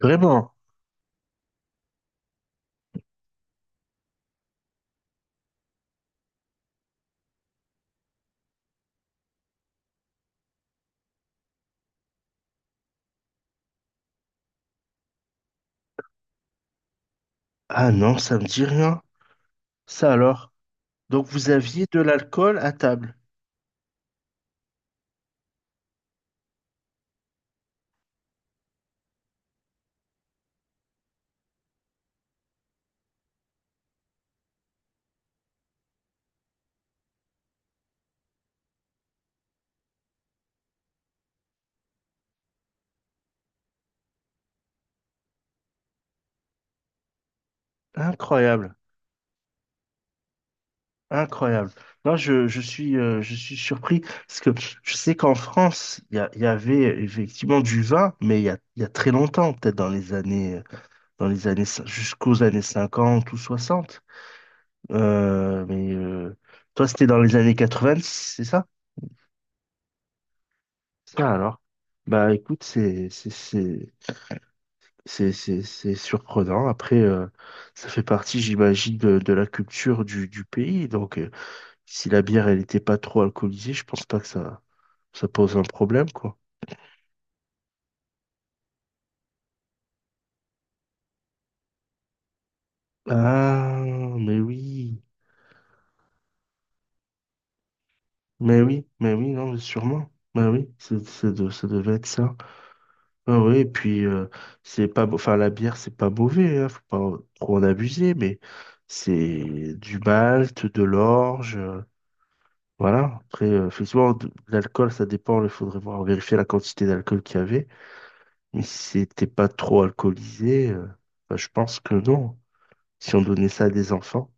Vraiment? Ah non, ça me dit rien. Ça alors? Donc vous aviez de l'alcool à table. Incroyable, incroyable. Non, je suis, je suis surpris parce que je sais qu'en France, il y avait effectivement du vin, mais il y a très longtemps, peut-être dans les années, jusqu'aux années 50 ou 60. Euh, mais euh, Toi, c'était dans les années 90, c'est ça? Ça alors? Bah écoute, c'est surprenant. Après, ça fait partie, j'imagine, de la culture du pays. Donc, si la bière, elle n'était pas trop alcoolisée, je pense pas que ça pose un problème, quoi. Ah, mais oui, mais oui, mais oui, non, mais sûrement. Mais oui, c'est, ça devait être ça. Ah oui, et puis, c'est pas, enfin, la bière, c'est pas mauvais, hein, faut pas trop en abuser, mais c'est du malt, de l'orge. Voilà. Après, effectivement, l'alcool, ça dépend. Il faudrait voir, vérifier la quantité d'alcool qu'il y avait. Mais si c'était pas trop alcoolisé, bah, je pense que non. Si on donnait ça à des enfants.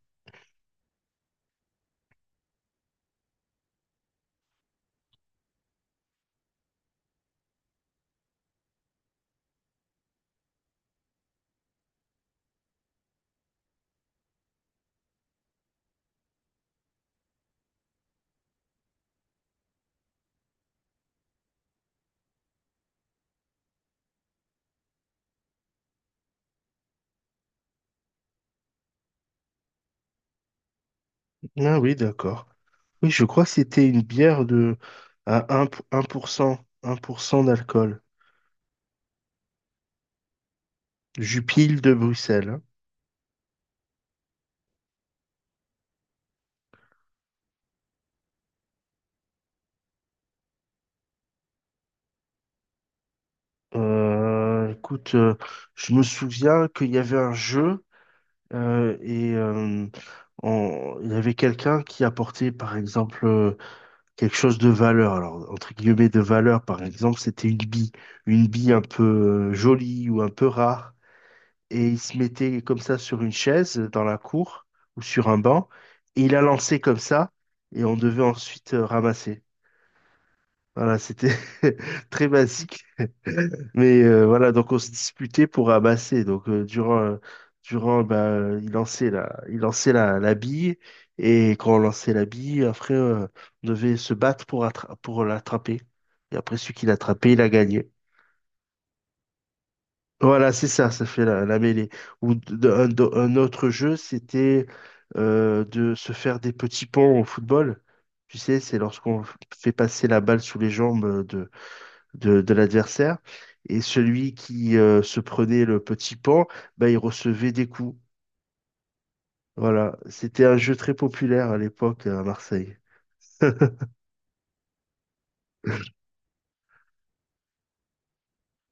Ah oui, d'accord. Oui, je crois que c'était une bière de à un pour cent d'alcool. Jupille de Bruxelles, hein. Écoute, je me souviens qu'il y avait un jeu euh, et euh, il y avait quelqu'un qui apportait, par exemple, quelque chose de valeur. Alors, entre guillemets, de valeur, par exemple, c'était une bille un peu jolie ou un peu rare. Et il se mettait comme ça sur une chaise dans la cour ou sur un banc. Et il a lancé comme ça. Et on devait ensuite ramasser. Voilà, c'était très basique. Mais voilà, donc on se disputait pour ramasser. Donc durant bah, il lançait la bille et quand on lançait la bille, après on devait se battre pour pour l'attraper. Et après celui qui l'attrapait, il a gagné. Voilà, c'est ça, ça fait la, la mêlée. Ou un autre jeu, c'était de se faire des petits ponts au football. Tu sais, c'est lorsqu'on fait passer la balle sous les jambes de l'adversaire. Et celui qui se prenait le petit pan, bah, il recevait des coups. Voilà, c'était un jeu très populaire à l'époque, hein, à Marseille.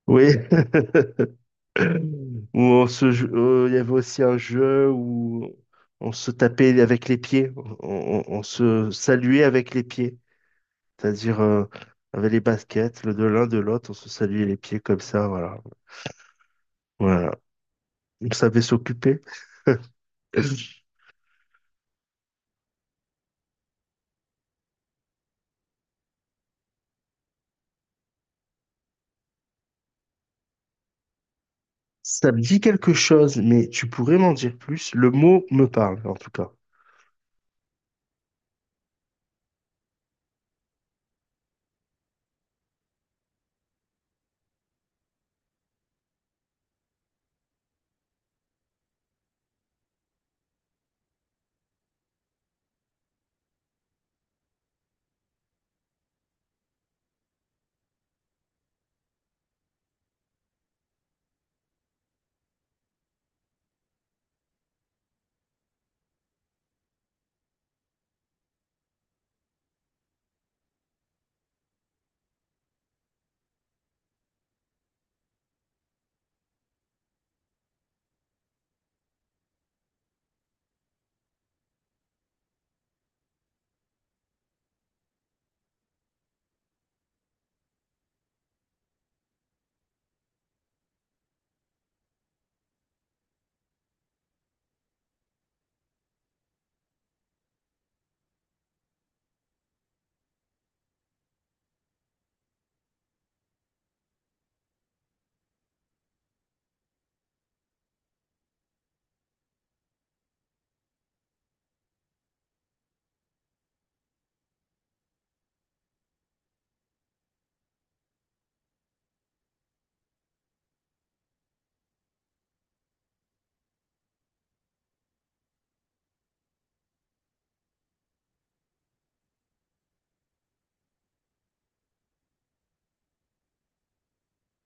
Oui, où on se, il y avait aussi un jeu où on se tapait avec les pieds, on se saluait avec les pieds, c'est-à-dire avec les baskets, le de l'un de l'autre, on se saluait les pieds comme ça, voilà. Voilà, on savait s'occuper. Ça me dit quelque chose, mais tu pourrais m'en dire plus. Le mot me parle, en tout cas.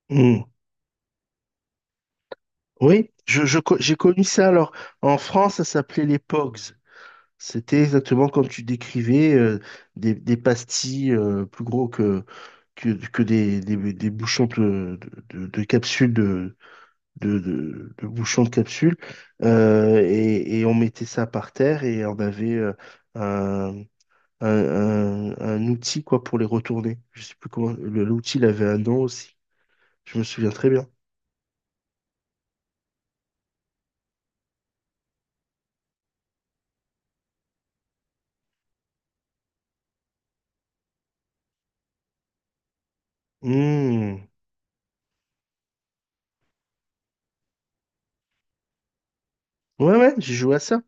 Hmm. Oui, j'ai connu ça. Alors, en France, ça s'appelait les Pogs. C'était exactement comme tu décrivais, des pastilles plus gros que, que des, des bouchons de, de capsules, de, de bouchons de capsules. Et on mettait ça par terre et on avait euh, un outil, quoi, pour les retourner. Je sais plus comment. L'outil, il avait un nom aussi. Je me souviens très bien. Hmm. Ouais, ouais, j'ai joué à ça.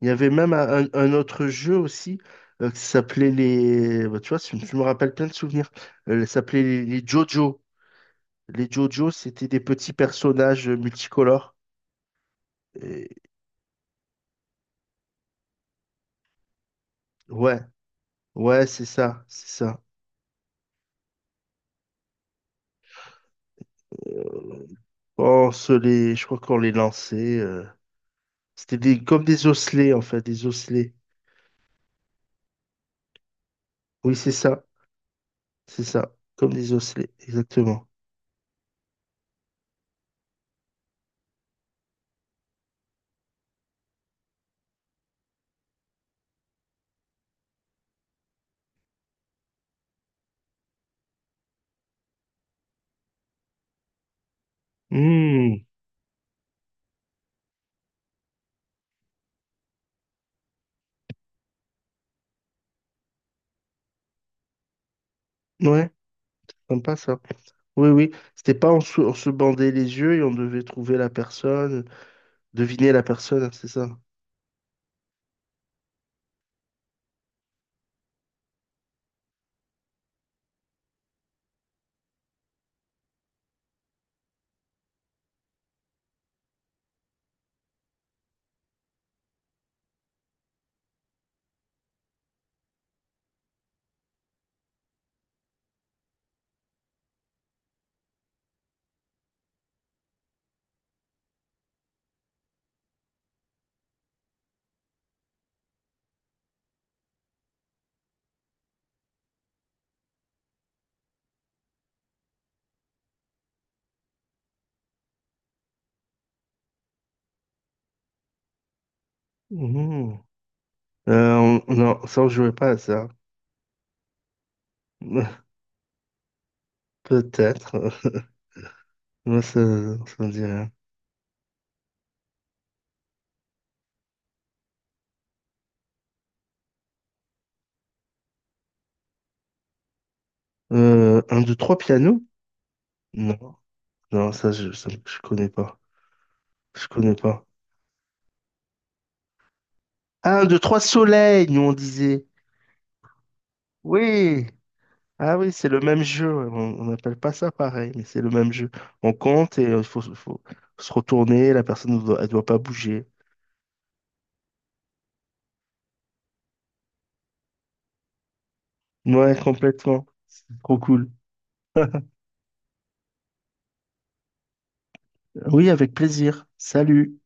Il y avait même un autre jeu aussi qui s'appelait les. Bah, tu vois, tu me rappelles plein de souvenirs. Ça s'appelait les Jojo. Les Jojo, c'était des petits personnages multicolores. Et- Ouais, ouais, c'est ça, c'est ça. On se les, je crois qu'on les lançait. C'était des, comme des osselets en fait, des osselets. Oui, c'est ça. C'est ça, comme des osselets, exactement. Hmm, ouais, sympa ça. Oui, oui, c'était pas on se, on se bandait les yeux et on devait trouver la personne, deviner la personne, hein, c'est ça. Mhm. Euh, non, ça on jouait pas à ça. Peut-être. Moi, ça me dit rien. Un, deux, trois pianos? Non, non, ça, je connais pas. Je connais pas. Ah, un, deux, trois soleils, nous on disait. Oui. Ah oui, c'est le même jeu, ouais. On n'appelle pas ça pareil, mais c'est le même jeu. On compte et faut se retourner. La personne, ne doit- elle doit pas bouger. Ouais, complètement. C'est trop cool. Oui, avec plaisir. Salut.